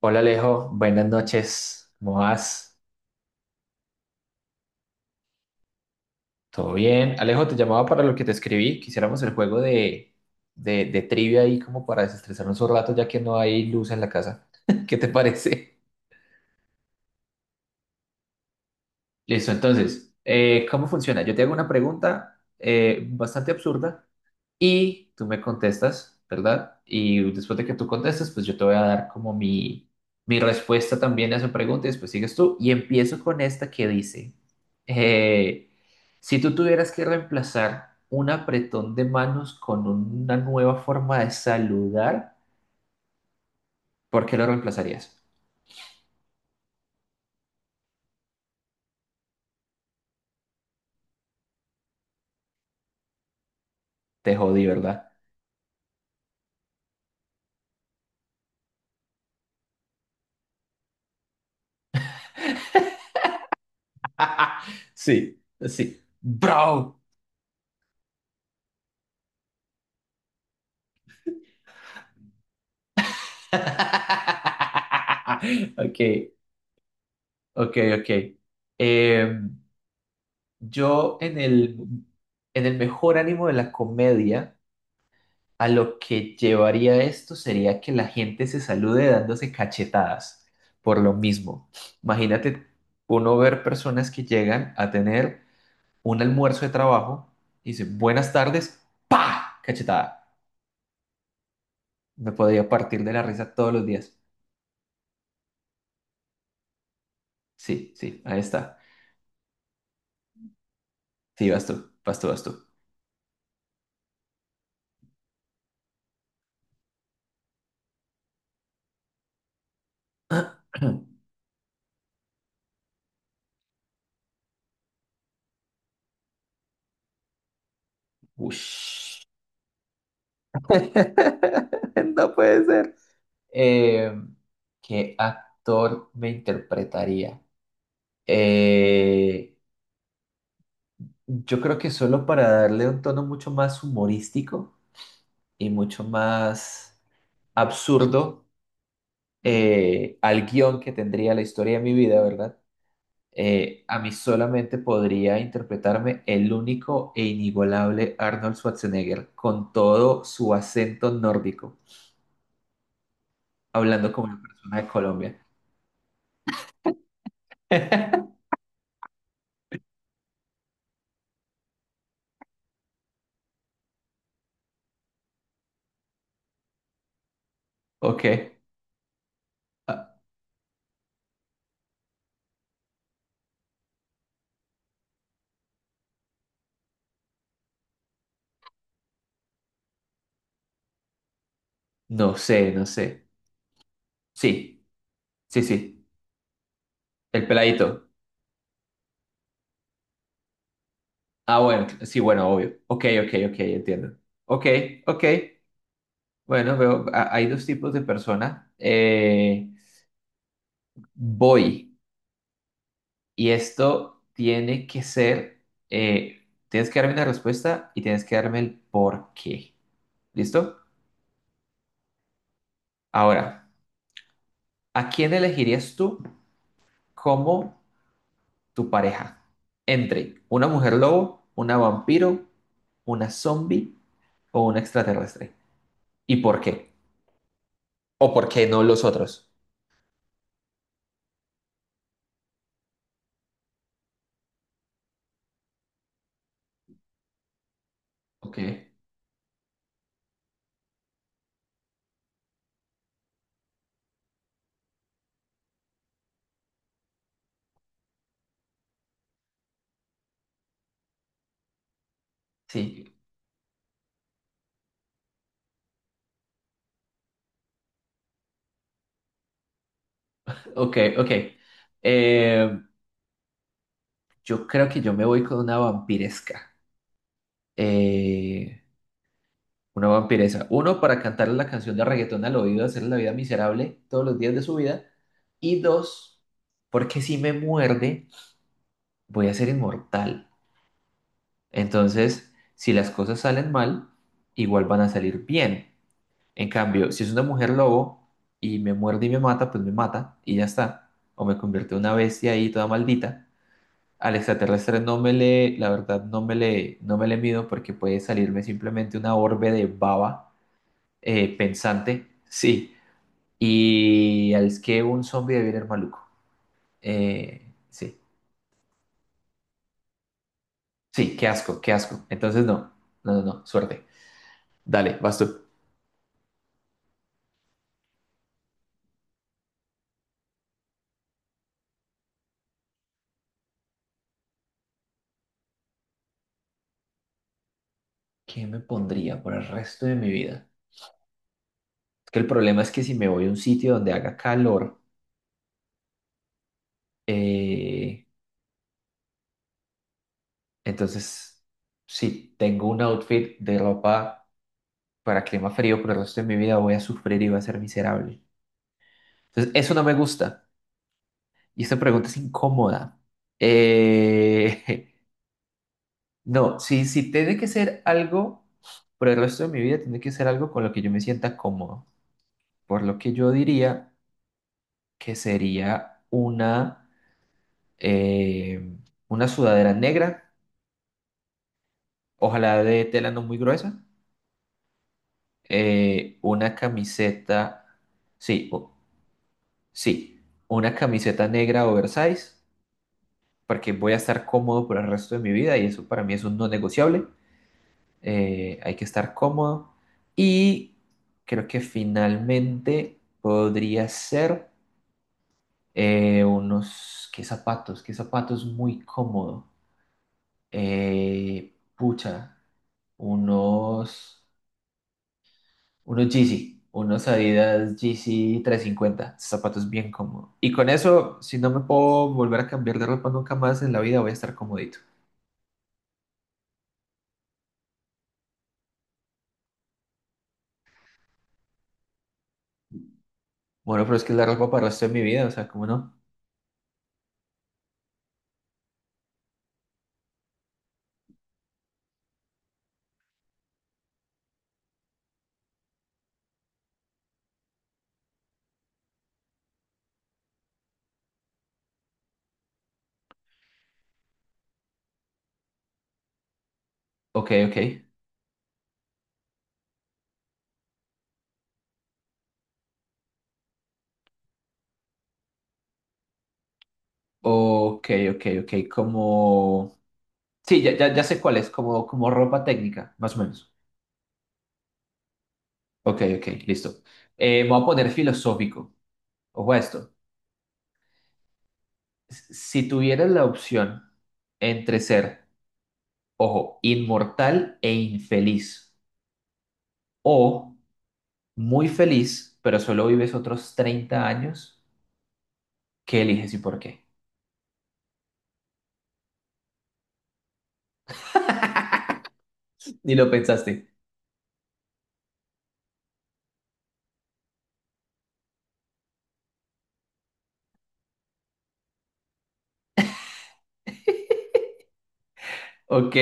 Hola Alejo, buenas noches. ¿Cómo vas? ¿Todo bien? Alejo, te llamaba para lo que te escribí. Quisiéramos el juego de trivia ahí como para desestresarnos un rato ya que no hay luz en la casa. ¿Qué te parece? Listo, entonces, ¿cómo funciona? Yo te hago una pregunta bastante absurda y tú me contestas, ¿verdad? Y después de que tú contestes, pues yo te voy a dar como mi respuesta también a esa pregunta y después sigues tú. Y empiezo con esta que dice, eh, si tú tuvieras que reemplazar un apretón de manos con una nueva forma de saludar, ¿por qué lo reemplazarías? Te jodí, ¿verdad? Sí, sí. Bro. Ok, ok, ok. Em, Yo en en el mejor ánimo de la comedia, a lo que llevaría esto sería que la gente se salude dándose cachetadas por lo mismo. Imagínate uno ver personas que llegan a tener un almuerzo de trabajo y dicen buenas tardes, ¡pa! Cachetada. Me podría partir de la risa todos los días. Sí, sí, ahí está. Sí, vas tú, vas tú, vas tú. Ush. No puede ser. Eh, ¿Qué actor me interpretaría? Eh, yo creo que solo para darle un tono mucho más humorístico y mucho más absurdo al guión que tendría la historia de mi vida, ¿verdad? A mí solamente podría interpretarme el único e inigualable Arnold Schwarzenegger con todo su acento nórdico, hablando como una persona de Colombia. Ok. Ah, no sé, no sé. Sí, sí, sí. El peladito. Ah, bueno, sí, bueno, obvio. Ok, ok, ok, entiendo. Ok, ok. Bueno, veo, hay dos tipos de personas. Voy. Y esto tiene que ser, tienes que darme una respuesta y tienes que darme el por qué. ¿Listo? Ahora, ¿a quién elegirías tú como tu pareja? Entre una mujer lobo, una vampiro, una zombie o un extraterrestre. ¿Y por qué? ¿O por qué no los otros? Ok, sí, ok, ok. Eh, yo creo que yo me voy con una vampiresca. Eh, una vampiresa. Uno, para cantarle la canción de reggaetón al oído, hacerle la vida miserable todos los días de su vida. Y dos, porque si me muerde, voy a ser inmortal. Entonces, si las cosas salen mal, igual van a salir bien. En cambio, si es una mujer lobo y me muerde y me mata, pues me mata y ya está. O me convierte en una bestia ahí toda maldita. Al extraterrestre no me le, la verdad, no me le, no me le mido porque puede salirme simplemente una orbe de baba pensante, sí. Y al que un zombie debe el maluco. Sí, sí, qué asco, qué asco. Entonces no, no, no, no, suerte. Dale, vas tú. ¿Qué me pondría por el resto de mi vida? Es que el problema es que si me voy a un sitio donde haga calor, Eh, entonces, sí, tengo un outfit de ropa para clima frío, pero el resto de mi vida voy a sufrir y voy a ser miserable. Entonces, eso no me gusta. Y esta pregunta es incómoda. Eh, no, si, si tiene que ser algo, por el resto de mi vida, tiene que ser algo con lo que yo me sienta cómodo. Por lo que yo diría que sería eh, una sudadera negra, ojalá de tela no muy gruesa una camiseta, sí, sí, una camiseta negra oversize, porque voy a estar cómodo por el resto de mi vida y eso para mí es un no negociable. Hay que estar cómodo. Y creo que finalmente podría ser unos, ¿qué zapatos? ¿Qué zapatos muy cómodo? Pucha, unos. Unos Yeezy, unos Adidas Yeezy 350 zapatos bien cómodos. Y con eso, si no me puedo volver a cambiar de ropa nunca más en la vida, voy a estar comodito. Bueno, pero es que es la ropa para el resto de mi vida, o sea, ¿cómo no? Ok, ok. Ok, ok, ok. Como... Sí, ya, ya, ya sé cuál es, como, como ropa técnica, más o menos. Ok, ok, listo. Me voy a poner filosófico. Ojo a esto. Si tuvieras la opción entre ser, ojo, inmortal e infeliz, o muy feliz, pero solo vives otros 30 años, ¿qué eliges y por qué? Ni lo pensaste. Ok,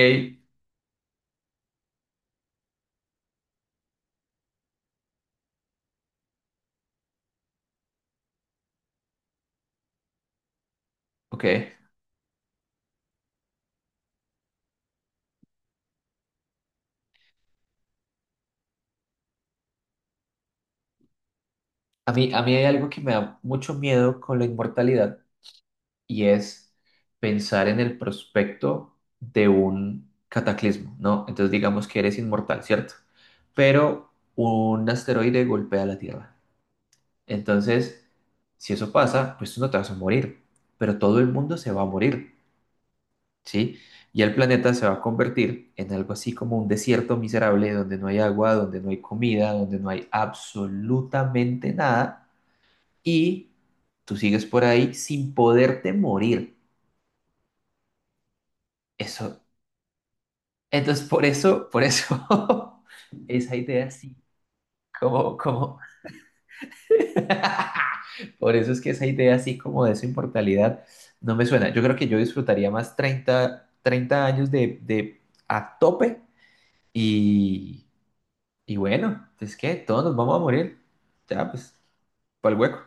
ok. A mí hay algo que me da mucho miedo con la inmortalidad y es pensar en el prospecto de un cataclismo, ¿no? Entonces digamos que eres inmortal, ¿cierto? Pero un asteroide golpea la Tierra. Entonces, si eso pasa, pues tú no te vas a morir, pero todo el mundo se va a morir. ¿Sí? Y el planeta se va a convertir en algo así como un desierto miserable donde no hay agua, donde no hay comida, donde no hay absolutamente nada y tú sigues por ahí sin poderte morir. Eso, entonces por eso esa idea así como, por eso es que esa idea así como de esa inmortalidad no me suena. Yo creo que yo disfrutaría más treinta años de a tope y Y bueno, es que todos nos vamos a morir. Ya, pues, para el hueco.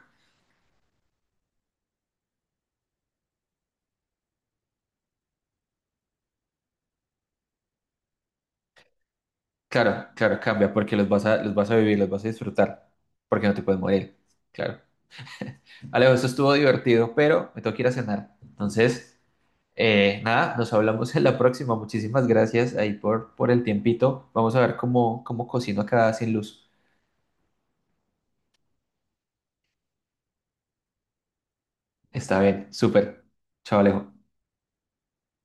Claro, claro, cambia, porque los vas a vivir, los vas a disfrutar, porque no te puedes morir. Claro. Alejo, esto estuvo divertido, pero me tengo que ir a cenar. Entonces, nada, nos hablamos en la próxima. Muchísimas gracias ahí por el tiempito. Vamos a ver cómo cocino acá sin luz. Está bien, súper. Chao, Alejo.